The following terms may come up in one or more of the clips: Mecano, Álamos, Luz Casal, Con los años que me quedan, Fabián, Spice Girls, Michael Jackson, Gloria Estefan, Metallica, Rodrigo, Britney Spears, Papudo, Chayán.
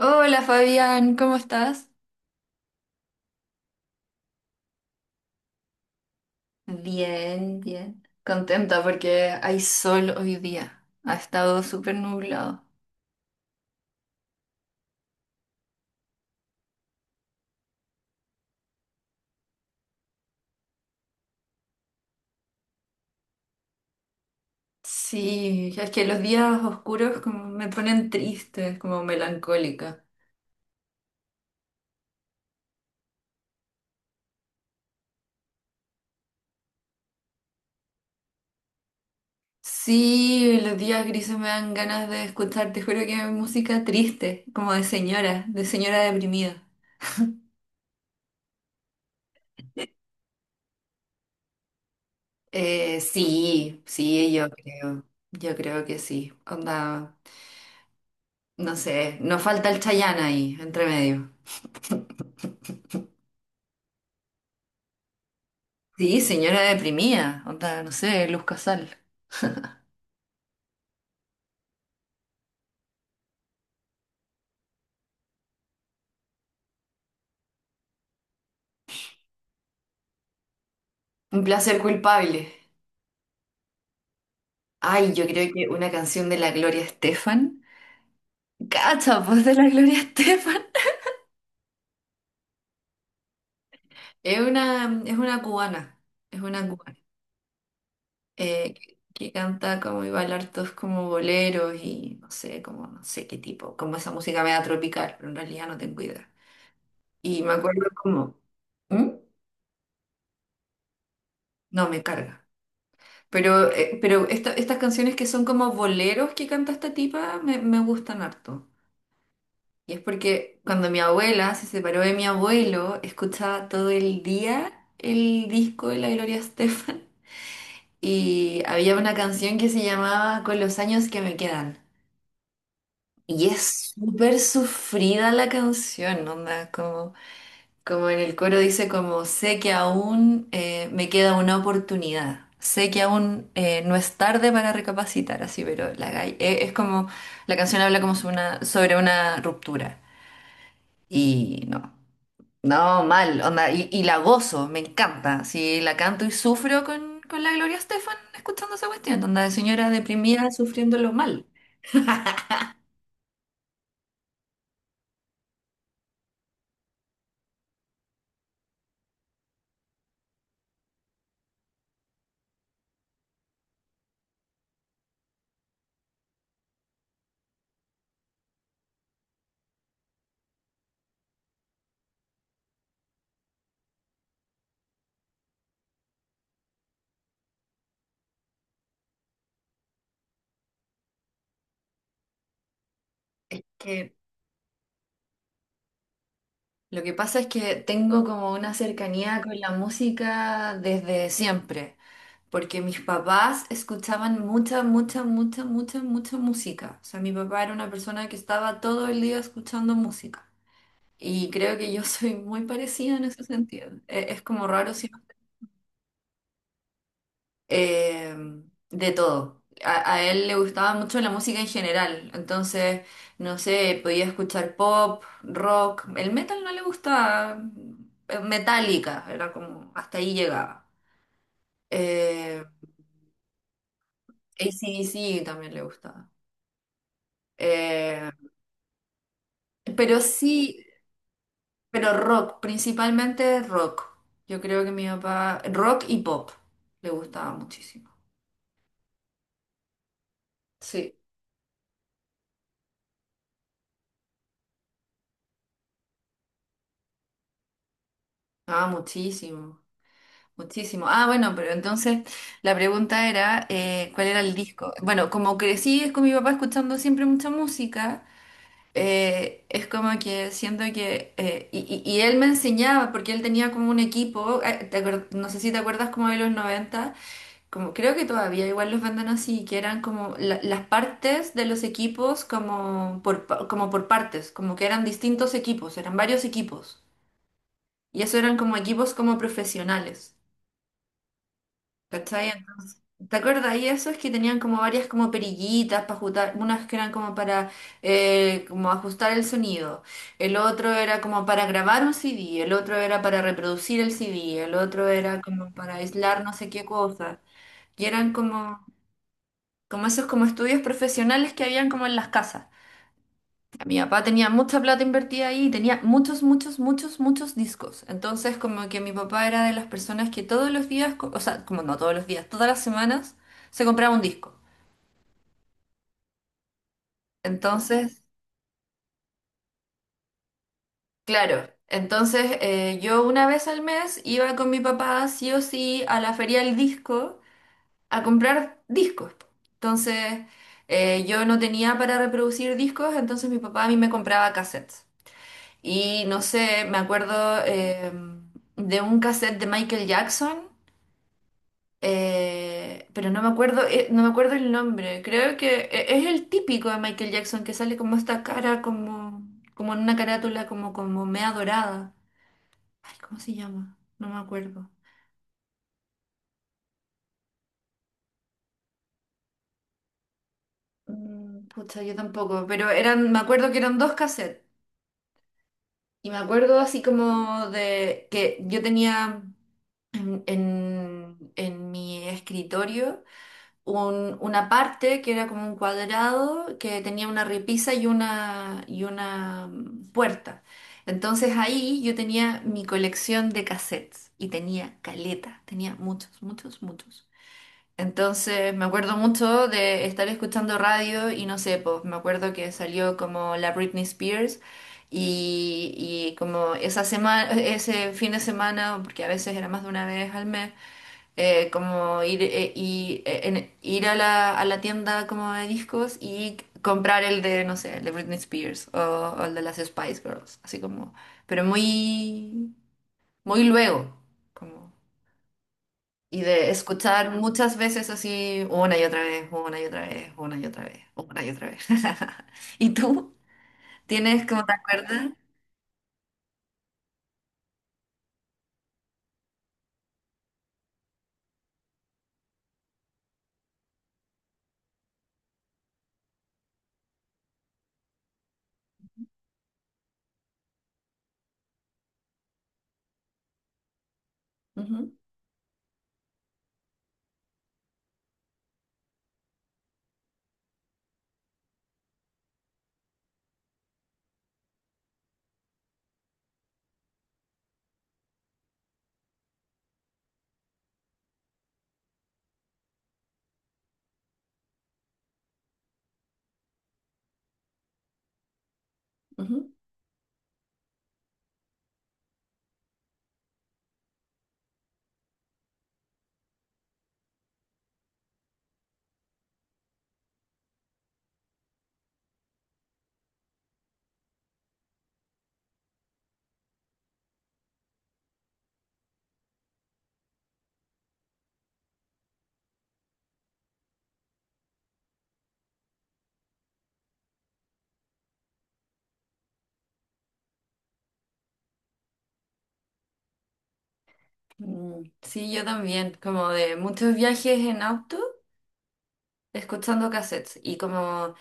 Hola Fabián, ¿cómo estás? Bien, bien. Contenta porque hay sol hoy día. Ha estado súper nublado. Sí, es que los días oscuros como me ponen triste, como melancólica. Sí, los días grises me dan ganas de escuchar, te juro que hay música triste, como de señora deprimida. Sí, sí, yo creo que sí. Onda, no sé, no falta el Chayán ahí, entre medio. Sí, señora deprimida, onda, no sé, Luz Casal. Un placer culpable. Ay, yo creo que una canción de la Gloria Estefan. Cacha, pues de la Gloria Estefan. Es una cubana. Es una cubana. Que canta como y baila hartos como boleros y no sé, como no sé qué tipo. Como esa música media tropical, pero en realidad no tengo idea. Y me acuerdo como. ¿Mm? No, me carga. Pero esta- estas canciones que son como boleros que canta esta tipa me, me gustan harto. Y es porque cuando mi abuela se separó de mi abuelo, escuchaba todo el día el disco de la Gloria Estefan. Y había una canción que se llamaba Con los años que me quedan. Y es súper sufrida la canción, onda, como... Como en el coro dice, como sé que aún, me queda una oportunidad, sé que aún, no es tarde para recapacitar, así, pero la gay- e- es como, la canción habla como sobre una ruptura. Y no, no, mal, onda, y la gozo, me encanta. Si la canto y sufro con la Gloria Estefan escuchando esa cuestión, onda de señora deprimida sufriéndolo mal. Es que lo que pasa es que tengo como una cercanía con la música desde siempre. Porque mis papás escuchaban mucha, mucha, mucha, mucha, mucha música. O sea, mi papá era una persona que estaba todo el día escuchando música. Y creo que yo soy muy parecida en ese sentido. E- Es, como raro si no- eh, de todo. A él le gustaba mucho la música en general. Entonces, no sé, podía escuchar pop, rock. El metal no le gustaba. Metallica, era como hasta ahí llegaba. Eh, d c también le gustaba. Eh, Pero sí, pero rock, principalmente rock. Yo creo que mi papá, rock y pop, le gustaba muchísimo. Sí, ah, muchísimo, muchísimo. Ah, bueno, pero entonces la pregunta era, ¿cuál era el disco? Bueno, como crecí es con mi papá escuchando siempre mucha música, es como que siento que, y él me enseñaba, porque él tenía como un equipo, te acuer- no sé si te acuerdas como de los noventa. Como, creo que todavía igual los venden así, que eran como la- las partes de los equipos como por, pa- como por partes, como que eran distintos equipos, eran varios equipos. Y eso eran como equipos como profesionales. ¿Cachai? Entonces, ¿te acuerdas? Y esos que tenían como varias como perillitas para ajustar, unas que eran como para como ajustar el sonido, el otro era como para grabar un CD, el otro era para reproducir el CD, el otro era como para aislar no sé qué cosa. Y eran como... como esos como estudios profesionales que habían como en las casas. Mi papá tenía mucha plata invertida ahí y tenía muchos, muchos, muchos, muchos discos. Entonces como que mi papá era de las personas que todos los días, co- o sea, como no todos los días, todas las semanas se compraba un disco. Entonces, claro, entonces yo una vez al mes iba con mi papá sí o sí a la feria del disco a comprar discos. Entonces yo no tenía para reproducir discos, entonces mi papá a mí me compraba cassettes. Y no sé, me acuerdo de un cassette de Michael Jackson, pero no me acuerdo, no me acuerdo el nombre. Creo que e- es el típico de Michael Jackson que sale como esta cara, como, como en una carátula, como, como mea dorada. Ay, ¿cómo se llama? No me acuerdo. Pucha, yo tampoco, pero eran, me acuerdo que eran dos cassettes. Y me acuerdo así como de que yo tenía en, en mi escritorio. Un- una parte que era como un cuadrado que tenía una repisa y una, y una puerta. Entonces ahí yo tenía mi colección de cassettes y tenía caleta, tenía muchos, muchos, muchos. Entonces me acuerdo mucho de estar escuchando radio y no sé, pues me acuerdo que salió como la Britney Spears y, y como esa semana, ese fin de semana, porque a veces era más de una vez al mes, como ir, y, en- ir a la tienda como de discos y comprar el de, no sé, el de Britney Spears o el de las Spice Girls, así como, pero muy, muy luego, como, y de escuchar muchas veces así, una y otra vez, una y otra vez, una y otra vez, una y otra vez. ¿Y tú? ¿Tienes como te acuerdas? Ujú, ujú. Mm, sí, yo también, como de muchos viajes en auto. Escuchando cassettes y como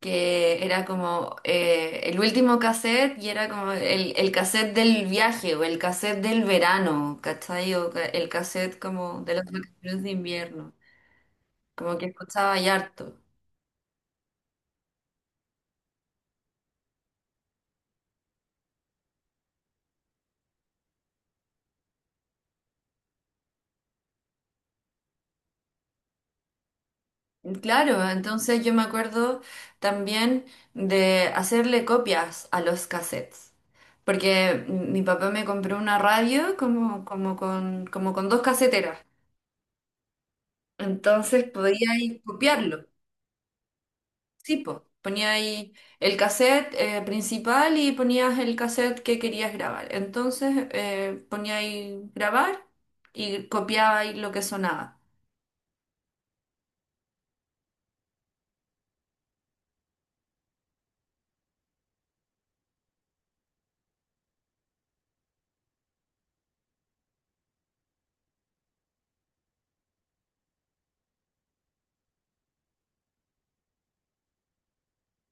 que era como el último cassette y era como el cassette del viaje o el cassette del verano, ¿cachai? O ca- el cassette como de las vacaciones de invierno, como que escuchaba y harto. Claro, entonces yo me acuerdo también de hacerle copias a los cassettes. Porque mi papá me compró una radio como, como con dos caseteras. Entonces podía ir copiarlo. Sí, po. Ponía ahí el cassette principal y ponías el cassette que querías grabar. Entonces ponía ahí grabar y copiaba ahí lo que sonaba.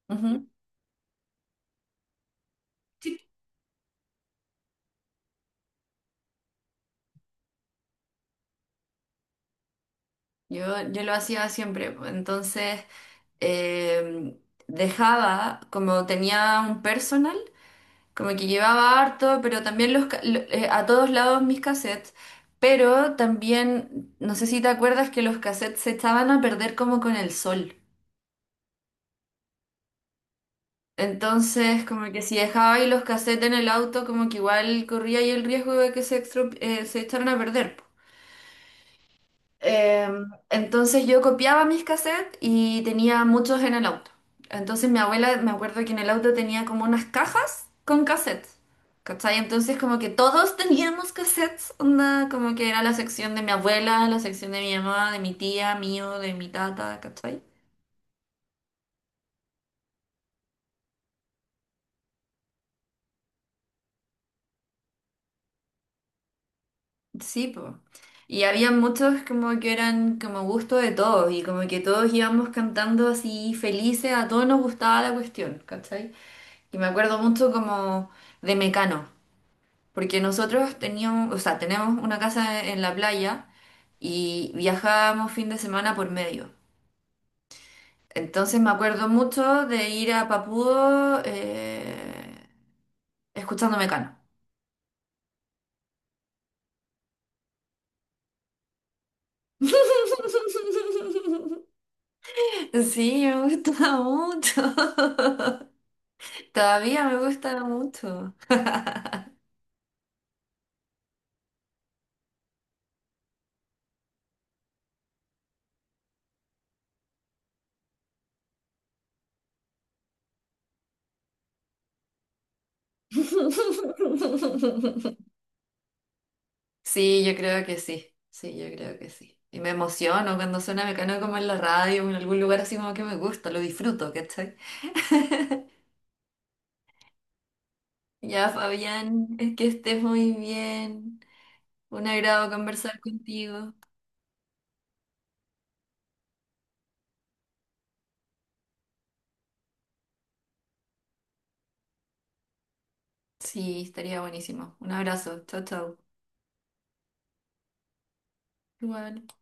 Ujú. Yo, yo lo hacía siempre. Po. Entonces eh, dejaba, como tenía un personal, como que llevaba harto, pero también los, ca- lo- a todos lados mis cassettes. Pero también, no sé si te acuerdas que los cassettes se echaban a perder como con el sol. Entonces, como que si dejaba ahí los cassettes en el auto, como que igual corría ahí el riesgo de que se, extro- se echaran a perder. Po. Entonces yo copiaba mis cassettes y tenía muchos en el auto. Entonces mi abuela, me acuerdo que en el auto tenía como unas cajas con cassettes. ¿Cachai? Entonces como que todos teníamos cassettes, onda, como que era la sección de mi abuela, la sección de mi mamá, de mi tía, mío, de mi tata, ¿cachai? Sí, po. Y había muchos como que eran como gusto de todos y como que todos íbamos cantando así felices, a todos nos gustaba la cuestión, ¿cachai? Y me acuerdo mucho como de Mecano, porque nosotros teníamos, o sea, tenemos una casa en la playa y viajábamos fin de semana por medio. Entonces me acuerdo mucho de ir a Papudo escuchando Mecano. Sí, me gustaba mucho. Todavía me gusta mucho. Sí, yo creo que sí. Sí, yo creo que sí. Y me emociono cuando suena Mecano como en la radio o en algún lugar así como que me gusta, lo disfruto, ¿cachai? Ya, Fabián, es que estés muy bien. Un agrado conversar contigo. Sí, estaría buenísimo. Un abrazo. Chao, chao. Igual.